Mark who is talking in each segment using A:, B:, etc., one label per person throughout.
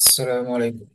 A: السلام عليكم.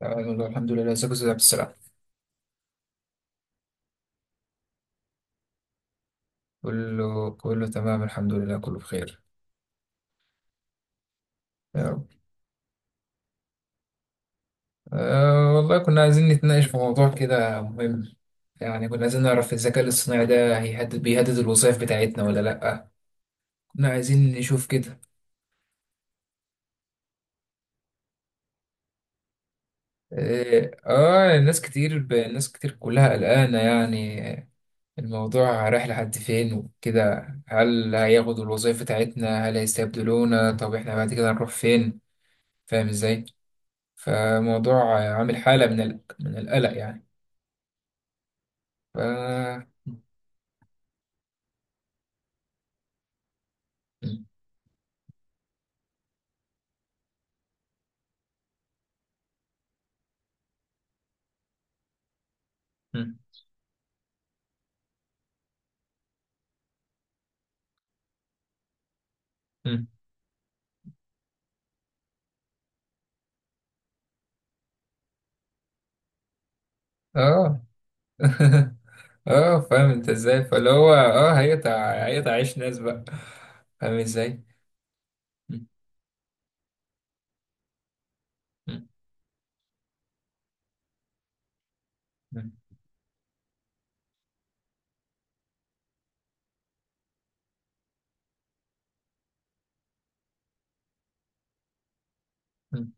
A: تمام والله الحمد لله، ازيك يا أستاذ عبد السلام؟ كله تمام الحمد لله كله بخير. يا رب. أه والله كنا عايزين نتناقش في موضوع كده مهم، يعني كنا عايزين نعرف الذكاء الاصطناعي ده بيهدد الوظائف بتاعتنا ولا لأ، كنا عايزين نشوف كده. اه، آه، ناس كتير ناس كتير كلها قلقانة، يعني الموضوع رايح لحد فين وكده، هل هياخدوا الوظائف بتاعتنا؟ هل هيستبدلونا؟ طب احنا بعد كده هنروح فين؟ فاهم ازاي؟ فموضوع عامل حالة من القلق يعني. ف م- م- م. اه. اه، فاهم انت ازاي؟ فاللي هو اه هيقطع عيش ناس بقى، فاهم ازاي؟ م- م- م- م-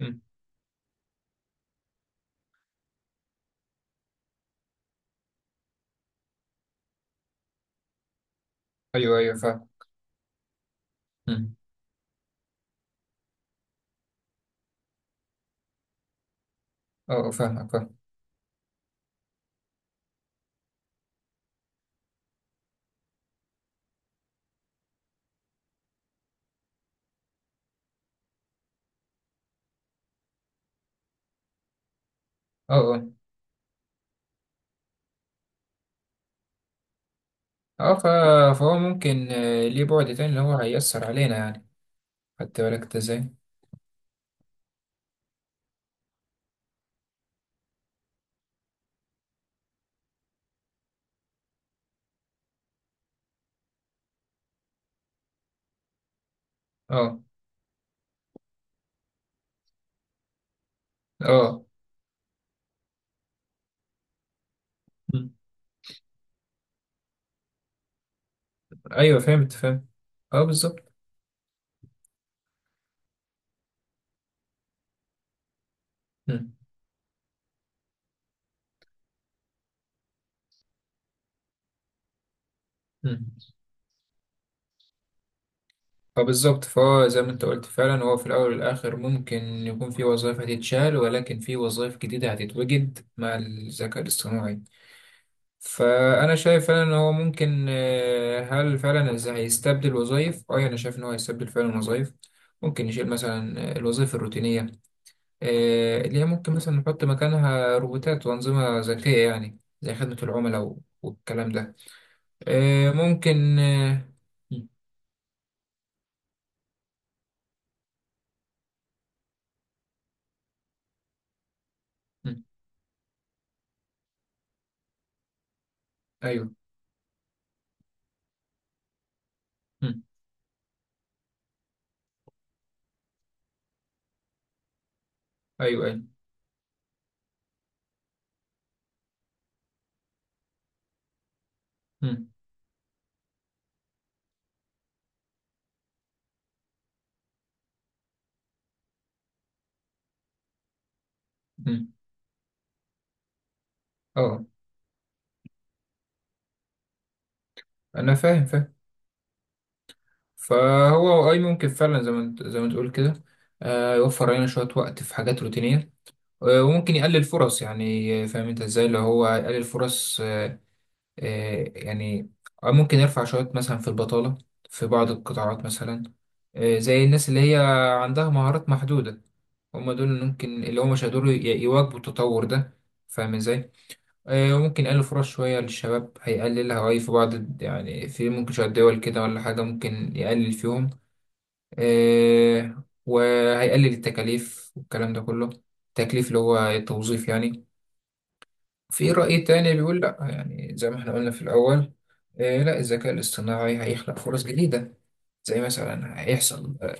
A: م. ايوه ايوه فاهم. م. اه، آه، فاهمك. اه اه فهو ممكن آه، ليه بعد تاني اللي هو هيأثر علينا يعني، خدت بالك انت ازاي؟ اه اه. م. ايوه، فهمت، اه بالظبط. م- م. فبالظبط، فهو زي ما انت قلت فعلا، هو في الأول والآخر ممكن يكون في وظائف هتتشال ولكن في وظائف جديدة هتتوجد مع الذكاء الاصطناعي. فأنا شايف فعلا إن هو ممكن آه، هل فعلا هيستبدل وظائف؟ أه يعني أنا شايف إن هو هيستبدل فعلا وظائف، ممكن يشيل مثلا آه، الوظائف الروتينية آه، اللي هي ممكن مثلا نحط مكانها روبوتات وأنظمة ذكية، يعني زي خدمة العملاء والكلام ده، آه، ممكن آه،. م- م- أيوه. م- أيوه أيوه. م- م. اه، انا فاهم. فهو اي ممكن فعلا زي ما انت زي ما تقول كده، آه، يوفر علينا شويه وقت في حاجات روتينيه، آه، وممكن يقلل فرص يعني، آه، فاهم انت ازاي اللي هو يقلل فرص، آه، آه، يعني آه، ممكن يرفع شويه مثلا في البطاله في بعض القطاعات مثلا، آه، زي الناس اللي هي عندها مهارات محدوده، هم دول اللي ممكن اللي هم مش هيقدروا يواكبوا التطور ده، فاهم ازاي؟ آه، ممكن يقلل فرص شوية للشباب، هيقللها أي في بعض يعني في ممكن شوية دول كده ولا حاجة ممكن يقلل فيهم، آه، وهيقلل التكاليف والكلام ده كله. التكليف اللي هو التوظيف يعني. في رأي تاني بيقول لأ، يعني زي ما احنا قلنا في الأول، آه، لأ الذكاء الاصطناعي هيخلق فرص جديدة، زي مثلا هيحصل آه،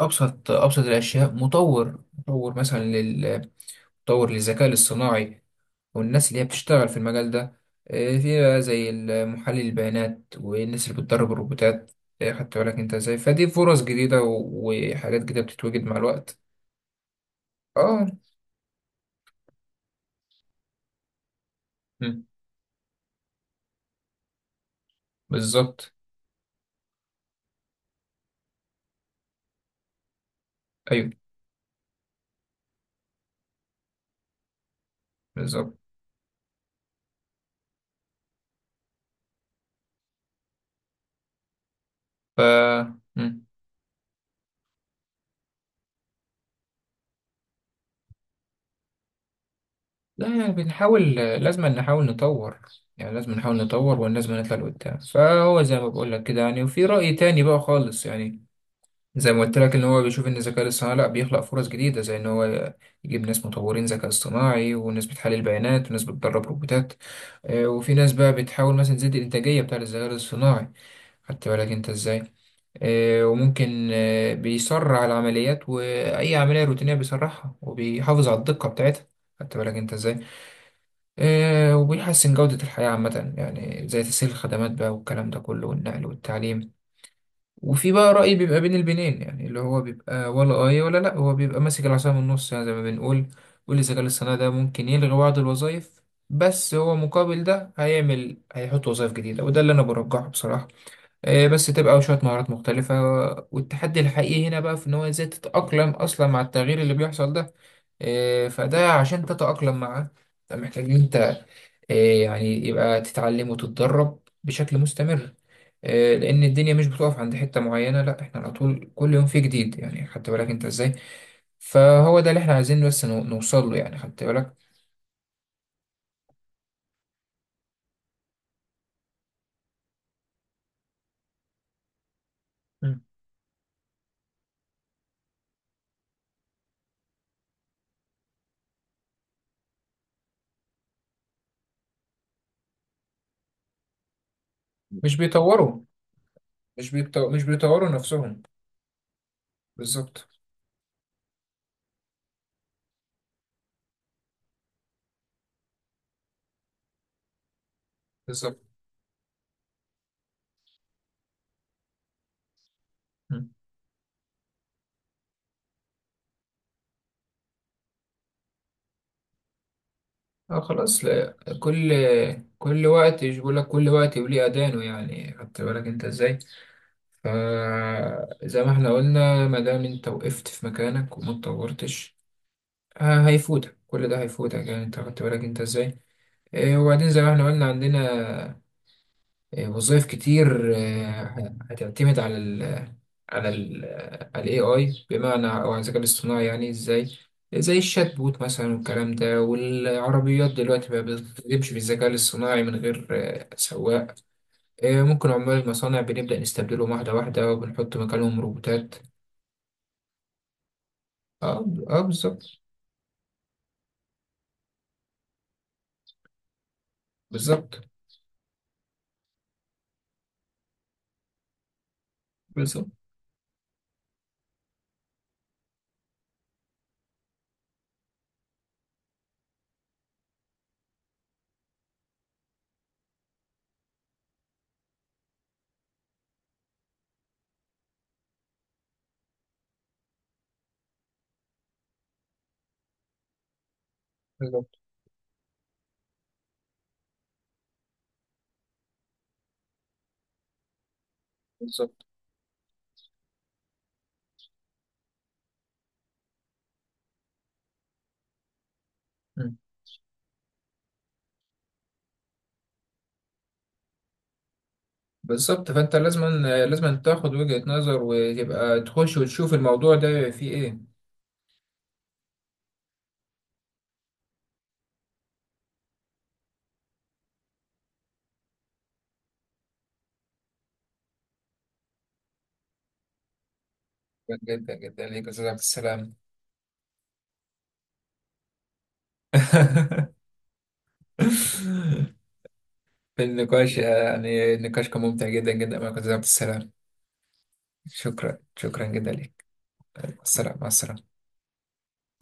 A: أبسط الأشياء، مطور مثلا مطور للذكاء الاصطناعي، والناس اللي هي بتشتغل في المجال ده، آه، في بقى زي محلل البيانات والناس اللي بتدرب الروبوتات، آه، خدت بالك انت ازاي؟ فدي فرص جديدة وحاجات جديدة بتتوجد مع الوقت. اه. مم، بالظبط. ايوه بالظبط. ف مم. لا يعني بنحاول، لازم نحاول نطور، يعني لازم نحاول نطور ولازم نطلع لقدام. فهو زي ما بقول لك كده يعني، وفي رأي تاني بقى خالص يعني، زي ما قلت لك ان هو بيشوف ان الذكاء الاصطناعي لا بيخلق فرص جديده، زي ان هو يجيب ناس مطورين ذكاء اصطناعي وناس بتحلل بيانات وناس بتدرب روبوتات، آه، وفي ناس بقى بتحاول مثلا تزيد الانتاجيه بتاعه الذكاء الاصطناعي، خدت بالك انت ازاي؟ آه، وممكن آه، بيسرع العمليات، واي عمليه روتينيه بيسرعها وبيحافظ على الدقه بتاعتها، خدت بالك انت ازاي؟ آه، وبيحسن جوده الحياه عامه يعني، زي تسهيل الخدمات بقى والكلام ده كله، والنقل والتعليم. وفي بقى رأي بيبقى بين البنين يعني، اللي هو بيبقى ولا آية ولا لأ، هو بيبقى ماسك العصا من النص يعني زي ما بنقول. والذكاء الاصطناعي ده ممكن يلغي بعض الوظائف، بس هو مقابل ده هيعمل، هيحط وظائف جديدة، وده اللي أنا برجحه بصراحة، آه، بس تبقى شوية مهارات مختلفة. والتحدي الحقيقي هنا بقى في إن هو إزاي تتأقلم أصلا مع التغيير اللي بيحصل ده، آه، فده عشان تتأقلم معاه أنت محتاج إن أنت آه، يعني يبقى تتعلم وتتدرب بشكل مستمر، آه، لأن الدنيا مش بتقف عند حتة معينة، لا إحنا على طول كل يوم في جديد، يعني خدت بالك أنت إزاي؟ فهو ده اللي إحنا عايزين بس نوصل له يعني، خدت بالك؟ مم. مش بيطوروا، مش بيطوروا نفسهم. بالظبط بالظبط. اه خلاص، لا كل كل وقت، مش بقول لك كل وقت وليه اذانه يعني، خدت بالك انت ازاي؟ فزي ما احنا قلنا، ما دام انت وقفت في مكانك وما اتطورتش، هيفوتك كل ده، هيفوتك يعني انت، خدت بالك انت ازاي؟ إيه وبعدين زي ما احنا قلنا عندنا آه، وظائف كتير آه، هتعتمد على ال على ال AI، بمعنى أو على الذكاء الاصطناعي، يعني إزاي؟ زي الشات بوت مثلا والكلام ده، والعربيات دلوقتي بقى بتمشي بالذكاء الاصطناعي من غير آه، سواق، آه، ممكن عمال المصانع بنبدأ نستبدلهم واحدة واحدة، وبنحط مكانهم روبوتات. اه اه بالظبط. بالظبط بالظبط بالظبط بالظبط. مم. بالظبط. فأنت لازم تاخد وجهة نظر وتبقى تخش وتشوف الموضوع ده فيه إيه. جدا جدا ليك يا استاذ عبد السلام. في النقاش يعني، النقاش كان ممتع جدا جدا معك يا استاذ عبد السلام. شكرا، شكرا جدا لك. السلام، مع السلامه.